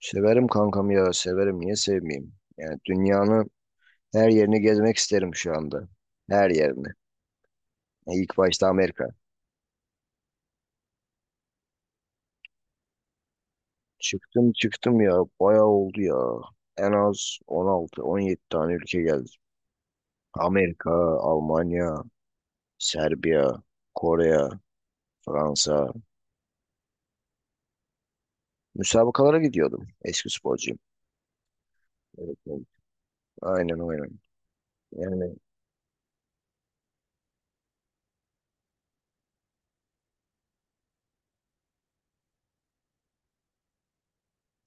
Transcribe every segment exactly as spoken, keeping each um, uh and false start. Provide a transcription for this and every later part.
Severim kankam ya severim niye sevmeyeyim? Yani dünyanın her yerini gezmek isterim şu anda. Her yerini. Yani İlk başta Amerika. Çıktım çıktım ya bayağı oldu ya. En az on altı, on yedi tane ülke geldi. Amerika, Almanya, Serbiya, Kore, Fransa. Müsabakalara gidiyordum. Eski sporcuyum. Evet, evet. Aynen aynen. Yani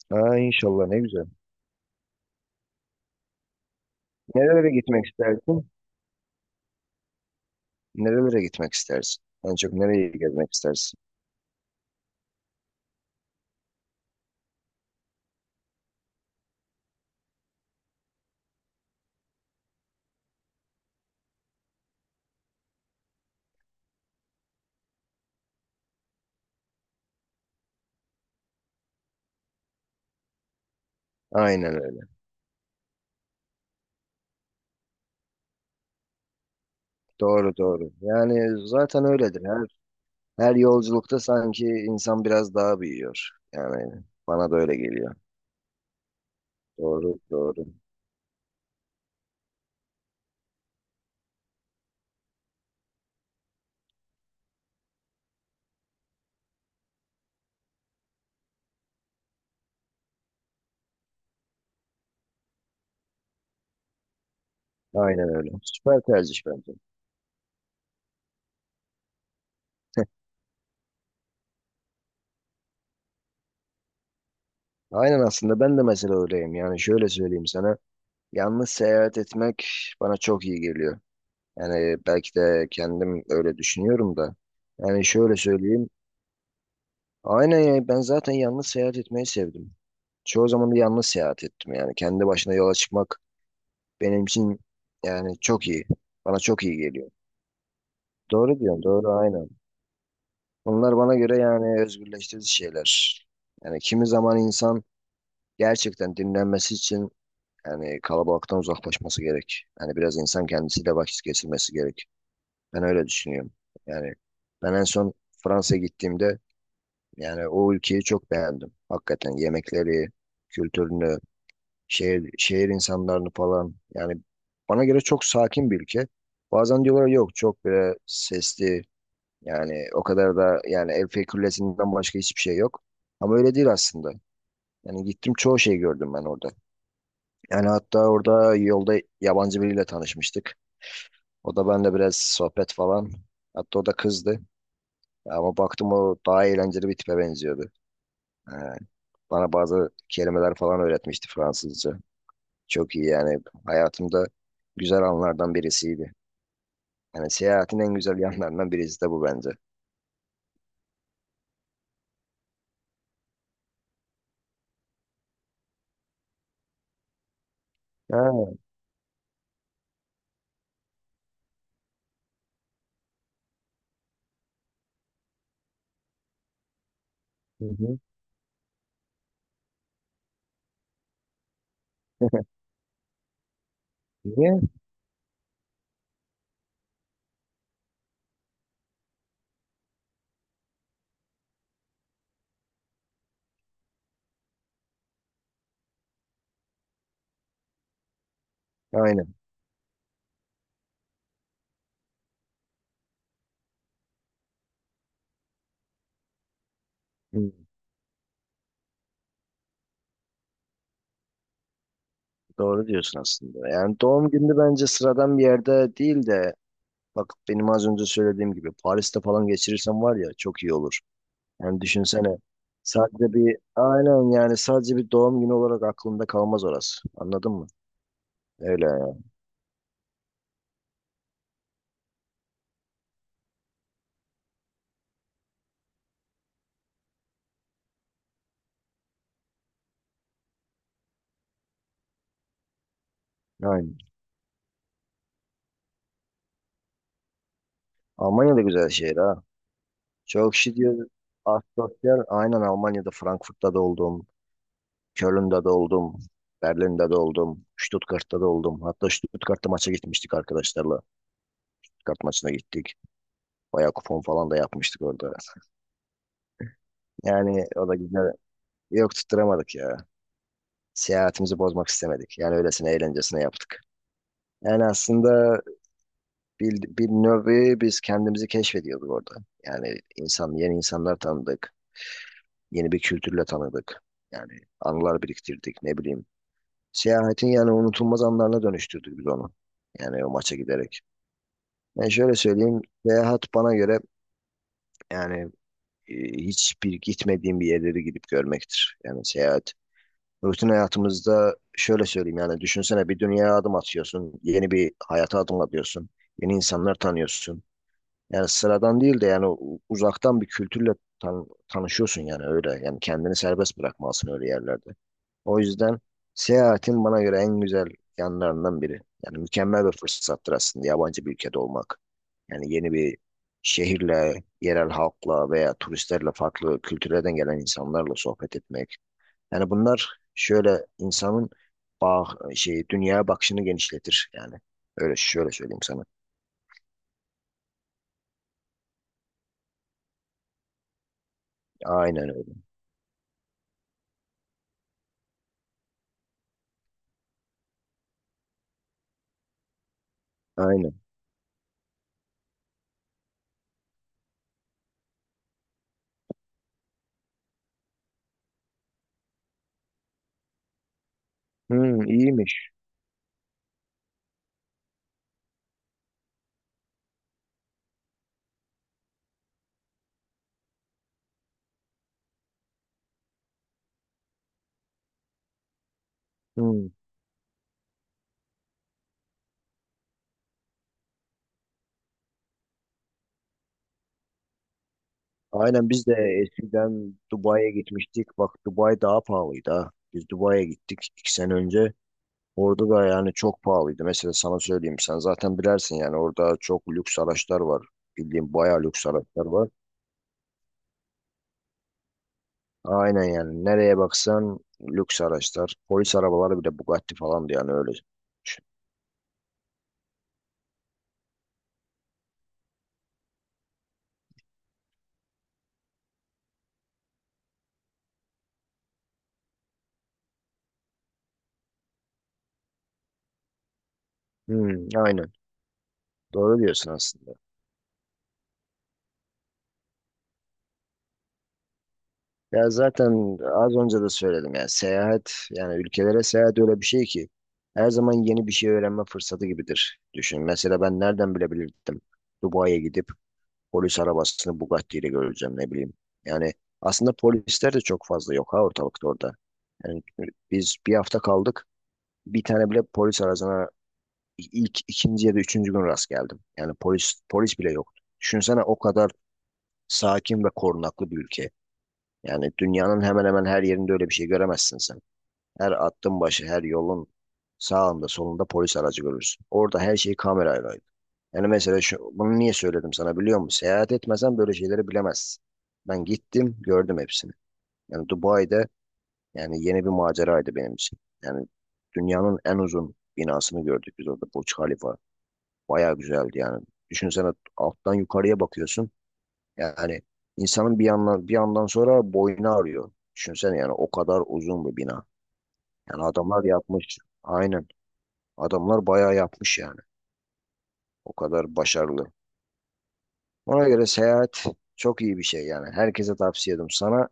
ha, inşallah ne güzel. Nerelere gitmek istersin? Nerelere gitmek istersin? En çok nereyi gezmek istersin? Aynen öyle. Doğru doğru. Yani zaten öyledir. Her her yolculukta sanki insan biraz daha büyüyor. Yani bana da öyle geliyor. Doğru doğru. Aynen öyle. Süper tercih bence. Aynen aslında ben de mesela öyleyim. Yani şöyle söyleyeyim sana. Yalnız seyahat etmek bana çok iyi geliyor. Yani belki de kendim öyle düşünüyorum da. Yani şöyle söyleyeyim. Aynen ya ben zaten yalnız seyahat etmeyi sevdim. Çoğu zaman da yalnız seyahat ettim yani. Kendi başına yola çıkmak Benim için yani çok iyi. Bana çok iyi geliyor. Doğru diyorsun, doğru aynen. Bunlar bana göre yani özgürleştirici şeyler. Yani kimi zaman insan gerçekten dinlenmesi için yani kalabalıktan uzaklaşması gerek. Yani biraz insan kendisiyle vakit geçirmesi gerek. Ben öyle düşünüyorum. Yani ben en son Fransa'ya gittiğimde yani o ülkeyi çok beğendim. Hakikaten yemekleri, kültürünü, şehir şehir insanlarını falan yani bana göre çok sakin bir ülke. Bazen diyorlar yok çok böyle sesli yani o kadar da yani Eiffel Kulesi'nden başka hiçbir şey yok. Ama öyle değil aslında. Yani gittim çoğu şey gördüm ben orada. Yani hatta orada yolda yabancı biriyle tanışmıştık. O da benimle biraz sohbet falan. Hatta o da kızdı. Ama baktım o daha eğlenceli bir tipe benziyordu. Ee, Bana bazı kelimeler falan öğretmişti Fransızca. Çok iyi yani. Hayatımda güzel anlardan birisiydi. Yani seyahatin en güzel yanlarından birisi de bu bence. Ha, hı hı. Niye? Aynen. Hı, Doğru diyorsun aslında. Yani doğum günü bence sıradan bir yerde değil de bak benim az önce söylediğim gibi Paris'te falan geçirirsem var ya çok iyi olur. Yani düşünsene sadece bir aynen yani sadece bir doğum günü olarak aklımda kalmaz orası. Anladın mı? Öyle yani. Aynen. Almanya da güzel şehir ha. Çok şey diyor. Asosyal. Aynen Almanya'da, Frankfurt'ta da oldum. Köln'de de oldum. Berlin'de de oldum. Stuttgart'ta da oldum. Hatta Stuttgart'ta maça gitmiştik arkadaşlarla. Stuttgart maçına gittik. Bayağı kupon falan da yapmıştık orada. Yani o da güzel. Yok tutturamadık ya. Seyahatimizi bozmak istemedik. Yani öylesine eğlencesine yaptık. Yani aslında bir, bir nevi biz kendimizi keşfediyorduk orada. Yani insan, yeni insanlar tanıdık. Yeni bir kültürle tanıdık. Yani anılar biriktirdik ne bileyim. Seyahatin yani unutulmaz anlarına dönüştürdük biz onu. Yani o maça giderek. Ben şöyle söyleyeyim, seyahat bana göre yani e, hiçbir gitmediğim bir yerleri gidip görmektir. Yani seyahat. Rutin hayatımızda şöyle söyleyeyim yani düşünsene bir dünyaya adım atıyorsun, yeni bir hayata adım atıyorsun, yeni insanlar tanıyorsun. Yani sıradan değil de yani u- uzaktan bir kültürle tan- tanışıyorsun yani öyle. Yani kendini serbest bırakmalısın öyle yerlerde. O yüzden seyahatin bana göre en güzel yanlarından biri. Yani mükemmel bir fırsattır aslında yabancı bir ülkede olmak. Yani yeni bir şehirle, yerel halkla veya turistlerle farklı kültürlerden gelen insanlarla sohbet etmek. Yani bunlar şöyle insanın bağ, şey, dünyaya bakışını genişletir yani. Öyle şöyle söyleyeyim sana. Aynen öyle. Aynen. Hmm, iyiymiş. Hmm. Aynen biz de eskiden Dubai'ye gitmiştik. Bak Dubai daha pahalıydı ha. Biz Dubai'ye gittik iki sene önce. Orada da yani çok pahalıydı. Mesela sana söyleyeyim sen zaten bilersin yani orada çok lüks araçlar var. Bildiğim bayağı lüks araçlar var. Aynen yani nereye baksan lüks araçlar. Polis arabaları bile Bugatti falandı yani öyle. Hmm, aynen doğru diyorsun aslında. Ya zaten az önce de söyledim yani seyahat yani ülkelere seyahat öyle bir şey ki her zaman yeni bir şey öğrenme fırsatı gibidir. Düşün mesela ben nereden bilebilirdim Dubai'ye gidip polis arabasını Bugatti ile göreceğim ne bileyim. Yani aslında polisler de çok fazla yok ha ortalıkta orada. Yani biz bir hafta kaldık. Bir tane bile polis aracına ilk ikinci ya da üçüncü gün rast geldim. Yani polis polis bile yoktu. Düşünsene o kadar sakin ve korunaklı bir ülke. Yani dünyanın hemen hemen her yerinde öyle bir şey göremezsin sen. Her attığın başı, her yolun sağında, solunda polis aracı görürsün. Orada her şey kamerayla. Yani mesela şu, bunu niye söyledim sana biliyor musun? Seyahat etmesen böyle şeyleri bilemezsin. Ben gittim, gördüm hepsini. Yani Dubai'de yani yeni bir maceraydı benim için. Yani dünyanın en uzun binasını gördük biz orada Burç Khalifa. Bayağı güzeldi yani. Düşünsene alttan yukarıya bakıyorsun. Yani insanın bir yandan bir yandan sonra boynu ağrıyor. Düşünsene yani o kadar uzun bir bina. Yani adamlar yapmış. Aynen Adamlar bayağı yapmış yani. O kadar başarılı. Ona göre seyahat çok iyi bir şey yani. Herkese tavsiye ediyorum. Sana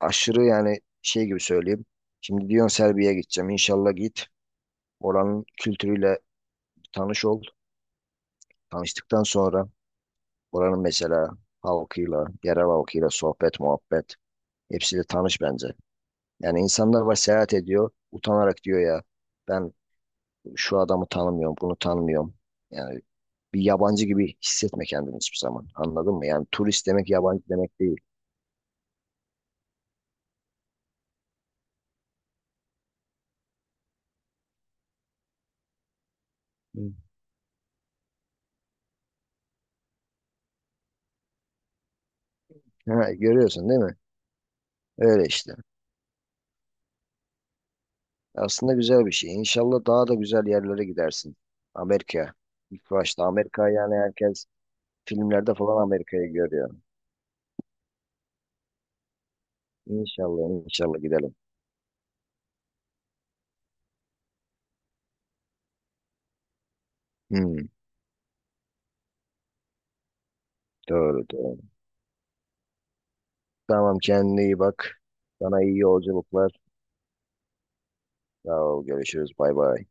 aşırı yani şey gibi söyleyeyim. Şimdi diyorsun Serbia'ya gideceğim. İnşallah git. Oranın kültürüyle tanış ol. Tanıştıktan sonra oranın mesela halkıyla, yerel halkıyla sohbet, muhabbet hepsiyle tanış bence. Yani insanlar var seyahat ediyor. Utanarak diyor ya ben şu adamı tanımıyorum, bunu tanımıyorum. Yani bir yabancı gibi hissetme kendini hiçbir zaman. Anladın mı? Yani turist demek yabancı demek değil. Hı. Ha, görüyorsun değil mi? Öyle işte. Aslında güzel bir şey. İnşallah daha da güzel yerlere gidersin. Amerika. İlk başta Amerika yani herkes filmlerde falan Amerika'yı görüyor. İnşallah inşallah gidelim. Hmm, doğru doğru. Tamam kendine iyi bak. Sana iyi yolculuklar. Sağ ol. Görüşürüz. Bay bay.